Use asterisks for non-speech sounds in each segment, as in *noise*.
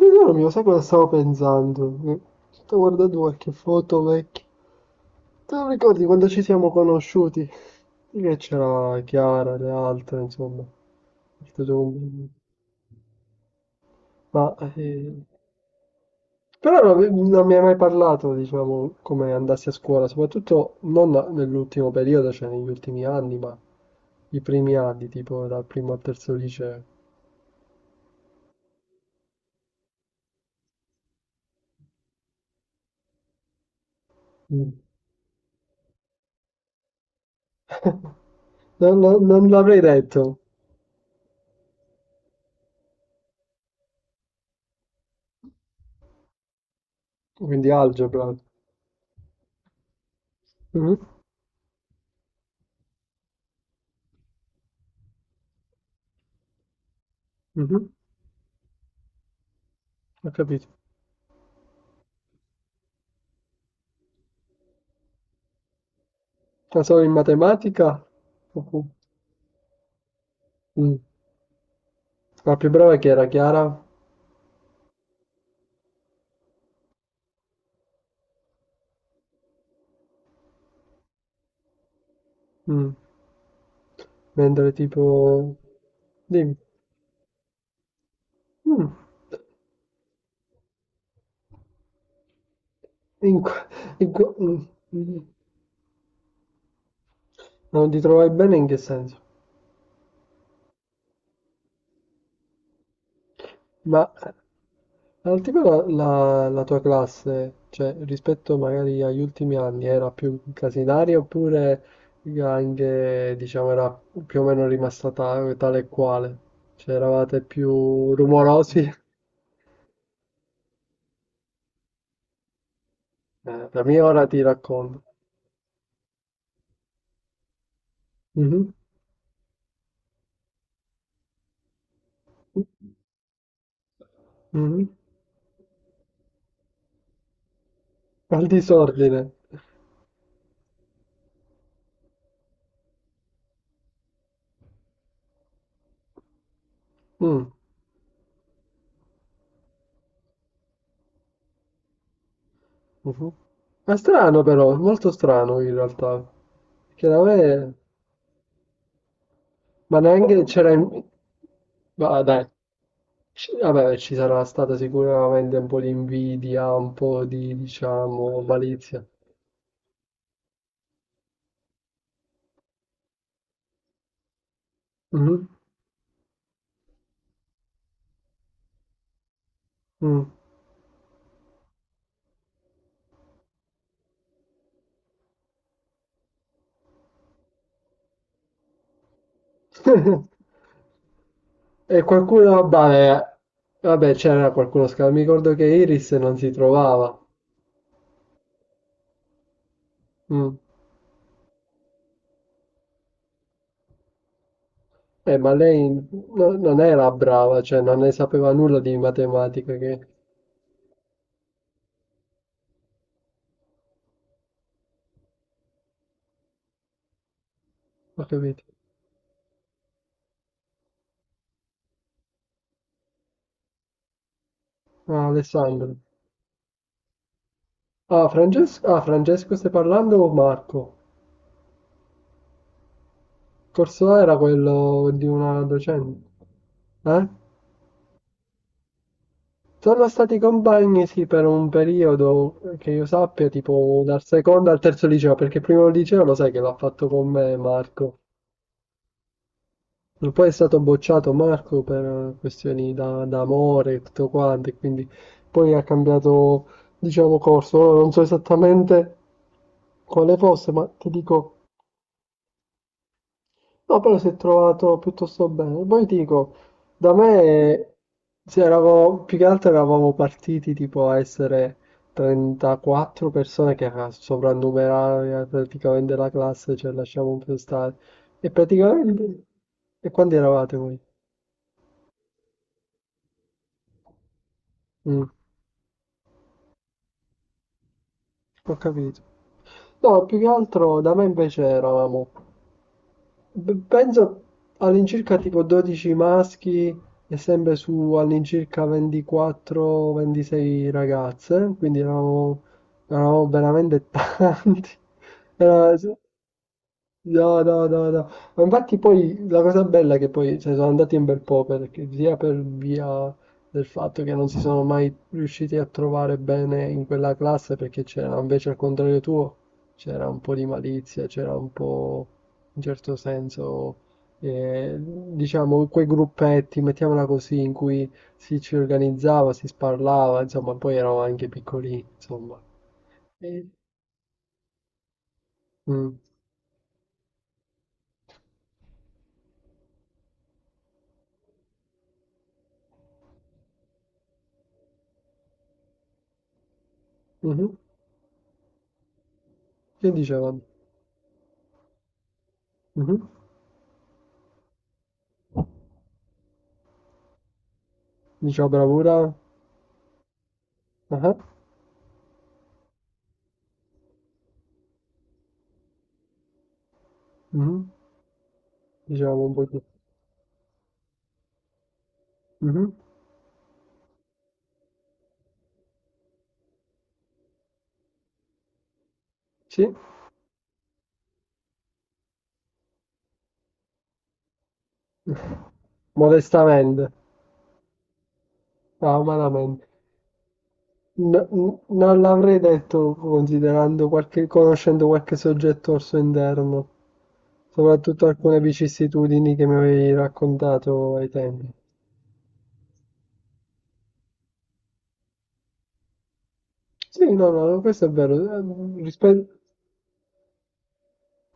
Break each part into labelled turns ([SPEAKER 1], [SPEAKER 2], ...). [SPEAKER 1] Tesoro mio, sai cosa stavo pensando? Che sto guardando qualche foto vecchia. Te lo ricordi quando ci siamo conosciuti? Sì, che c'era Chiara, le altre, insomma. Il tuo compagno. Ma. Però non mi hai mai parlato, diciamo, come andassi a scuola, soprattutto non nell'ultimo periodo, cioè negli ultimi anni, ma i primi anni, tipo dal primo al terzo liceo. Mm. Non l'avrei detto, quindi algebra. Mhm, mhm. Ho capito. La so in matematica? Poco. Mm. La più brava chi era? Chiara? Mm. Mentre tipo. Dimmi. Mm. In qua- mm. Mm. Non ti trovavi bene in che senso? Ma al tipo la tua classe, cioè rispetto magari agli ultimi anni, era più casinaria oppure anche, diciamo, era più o meno rimasta tale e quale? Cioè eravate più rumorosi? La mia ora ti racconto. Mhm. Mhm. Al disordine. Mm. Mhm. Ma strano però, è molto strano in realtà. Che da me. Ma neanche c'era. Ma dai, vabbè, ci sarà stata sicuramente un po' di invidia, un po' di, diciamo, malizia. Mhm. Mm. *laughs* E qualcuno, vabbè, vabbè, c'era qualcuno scappato. Mi ricordo che Iris non si trovava. Mm. Ma lei non era brava, cioè non ne sapeva nulla di matematica, che. Ho capito. Ah, Alessandro. Ah, Francesco stai parlando o Marco? Corso A era quello di una docente. Eh? Sono stati compagni, sì, per un periodo che io sappia, tipo dal secondo al terzo liceo, perché il primo liceo lo sai che l'ha fatto con me Marco. Poi è stato bocciato Marco per questioni da amore e tutto quanto, e quindi poi ha cambiato, diciamo, corso. Ora non so esattamente quale fosse, ma ti dico, no, però si è trovato piuttosto bene. Poi ti dico, da me, se eravamo, più che altro eravamo partiti tipo a essere 34 persone che era sovrannumerare praticamente la classe, cioè lasciamo un po' stare. E praticamente. E quanti eravate voi? Mm. Ho capito. No, più che altro da me invece eravamo, penso all'incirca tipo 12 maschi e sempre su all'incirca 24-26 ragazze, quindi eravamo veramente *laughs* tanti. Era- No, no, no, no. Ma infatti poi la cosa bella è che poi cioè, sono andati un bel po' perché sia per via del fatto che non si sono mai riusciti a trovare bene in quella classe perché c'era invece al contrario tuo c'era un po' di malizia, c'era un po' in certo senso diciamo quei gruppetti, mettiamola così, in cui si ci organizzava, si sparlava, insomma, poi eravamo anche piccolini, insomma. E- mm, mhm. Che dicevano? Mhm. Diceva bravura? Ah, mh, diciamo un pochino. Mh-mh, sì. *laughs* Modestamente, ah, umanamente. Non l'avrei detto conoscendo qualche soggetto al suo interno, soprattutto alcune vicissitudini che mi avevi raccontato ai tempi. Sì, no, no, no, questo è vero. Eh, rispe-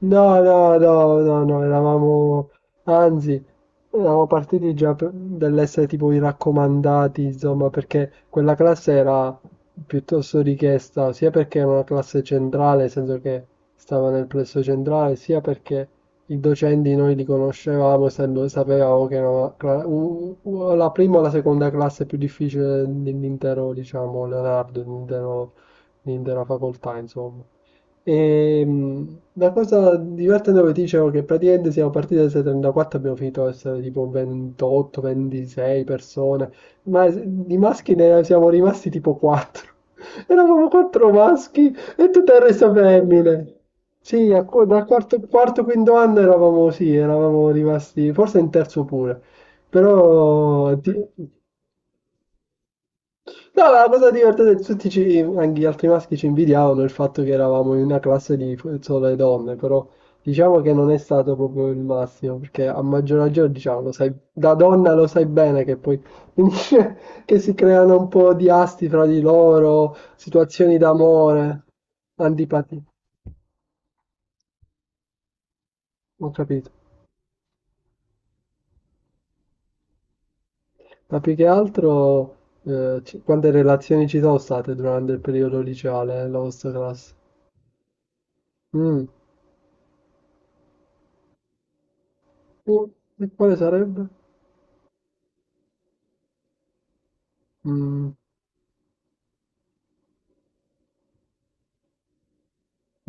[SPEAKER 1] No, no, no, no, no, eravamo, anzi, eravamo partiti già dall'essere tipo i raccomandati, insomma, perché quella classe era piuttosto richiesta, sia perché era una classe centrale, nel senso che stava nel plesso centrale, sia perché i docenti noi li conoscevamo, sapevamo che era una cla- u- u- la prima o la seconda classe più difficile dell'intero, diciamo, Leonardo, dell'intera facoltà, insomma. E, la cosa divertente che ti dicevo è che praticamente siamo partiti da 34, abbiamo finito a essere tipo 28, 26 persone, ma di maschi ne siamo rimasti tipo 4. *laughs* Eravamo 4 maschi e tutto il resto femmine. Sì, dal quarto, quinto anno eravamo, sì, eravamo rimasti, forse in terzo pure. però ti- No, ma la cosa divertente, tutti ci, anche gli altri maschi ci invidiavano il fatto che eravamo in una classe di sole donne, però diciamo che non è stato proprio il massimo, perché a maggior ragione, diciamo, lo sai, da donna lo sai bene che poi finisce *laughs* che si creano un po' di asti fra di loro, situazioni d'amore, antipatie. Ho capito. Ma più che altro, quante relazioni ci sono state durante il periodo liceale, la vostra classe? Mm. Mm. E quale sarebbe? Mm.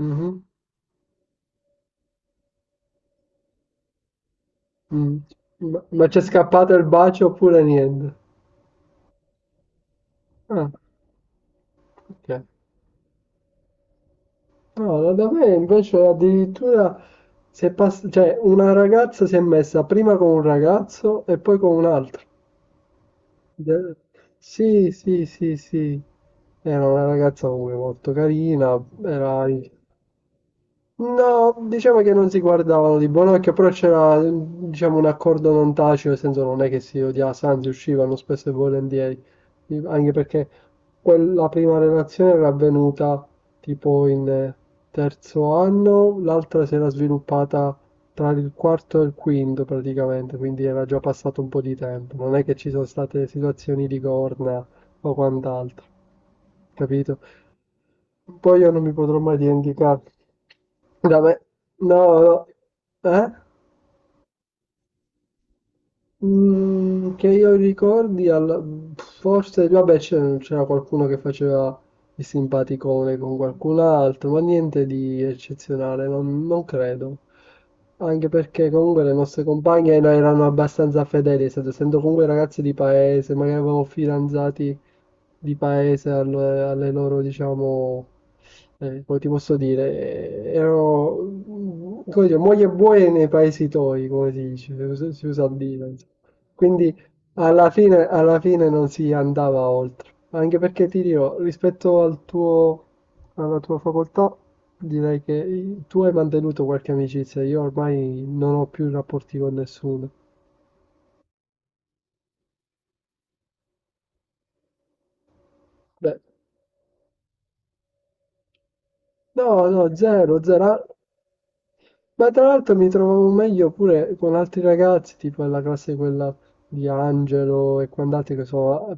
[SPEAKER 1] Mh-mh, mh. Ma c'è scappato il bacio oppure niente? Ah, okay. No, no, da me invece addirittura si è pass cioè una ragazza si è messa prima con un ragazzo e poi con un altro. De Sì, sì, sì, sì. Era una ragazza comunque molto carina, era No, diciamo che non si guardavano di buon occhio, però c'era, diciamo, un accordo non tacito, nel senso non è che si odiasse, anzi uscivano spesso e volentieri, anche perché quella prima relazione era avvenuta tipo in terzo anno, l'altra si era sviluppata tra il quarto e il quinto praticamente, quindi era già passato un po' di tempo, non è che ci sono state situazioni di corna o quant'altro capito? Poi io non mi potrò mai dimenticare. Da me, no, no, eh? Mm, che io ricordi, forse, vabbè, c'era qualcuno che faceva il simpaticone con qualcun altro, ma niente di eccezionale, non credo. Anche perché comunque le nostre compagne erano abbastanza fedeli, essendo comunque ragazze di paese, magari avevamo fidanzati di paese, alle loro, diciamo, come ti posso dire, erano, come dire, moglie e buoi nei paesi toi, come si dice, si usa a dire, insomma. Quindi alla fine non si andava oltre, anche perché ti dirò, rispetto al tuo, alla tua facoltà, direi che tu hai mantenuto qualche amicizia, io ormai non ho più rapporti con nessuno. Beh, no, no, zero, zero. Ma tra l'altro mi trovavo meglio pure con altri ragazzi, tipo la classe quella di Angelo e quant'altri che sono.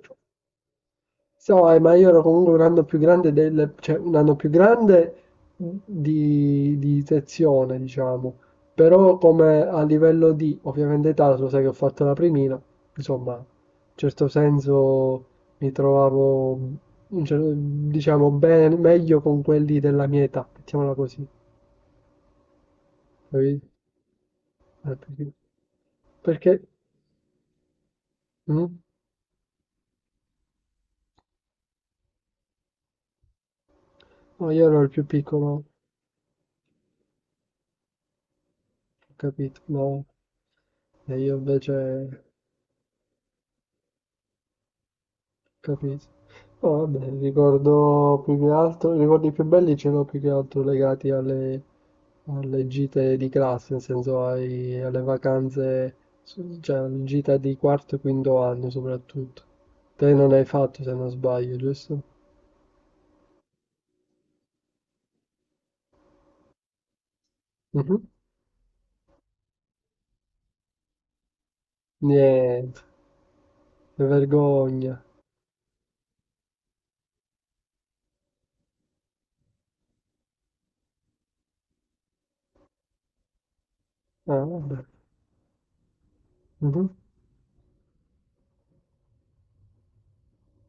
[SPEAKER 1] So, ma io ero comunque un anno più grande del. Cioè un anno più grande di sezione, diciamo. Però come a livello di, ovviamente età, lo sai che ho fatto la primina, insomma, in certo senso mi trovavo, diciamo, bene, meglio con quelli della mia età, mettiamola così, capito? Eh, Perché perché mh? No, io ero il più piccolo, ho capito, no, e io invece ho capito. No, vabbè, ricordo più che altro, i ricordi più belli ce l'ho più che altro legati alle gite di classe, nel senso alle vacanze, cioè alle gite di quarto e quinto anno soprattutto. Te non hai fatto se non sbaglio, giusto? Mhm. Niente, che vergogna. Ah, vabbè. Mhm.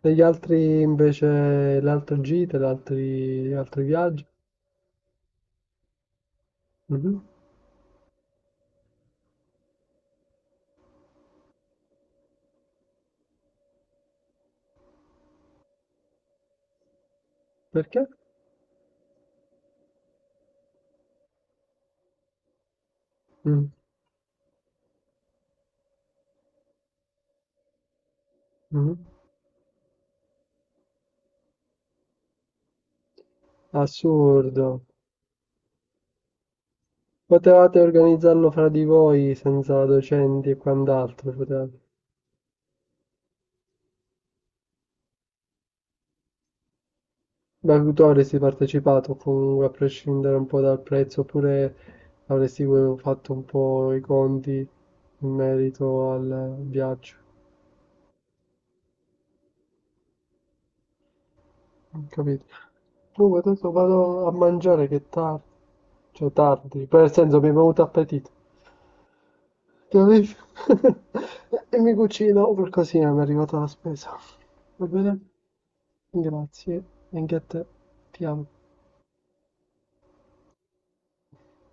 [SPEAKER 1] E gli altri invece, le altre gite, gli altri viaggi? Mhm. Perché? Mm. Mhm. Assurdo. Potevate organizzarlo fra di voi senza docenti e quant'altro. Potevate. Ma avresti partecipato comunque a prescindere un po' dal prezzo, oppure avresti fatto un po' i conti in merito al viaggio. Ho capito? Comunque adesso vado a mangiare che è tardi, cioè tardi, per senso mi è venuto appetito. Chiarissimo. *laughs* E mi cucino per così mi è arrivata la spesa. Va bene? Grazie. Anche a te. Ti amo.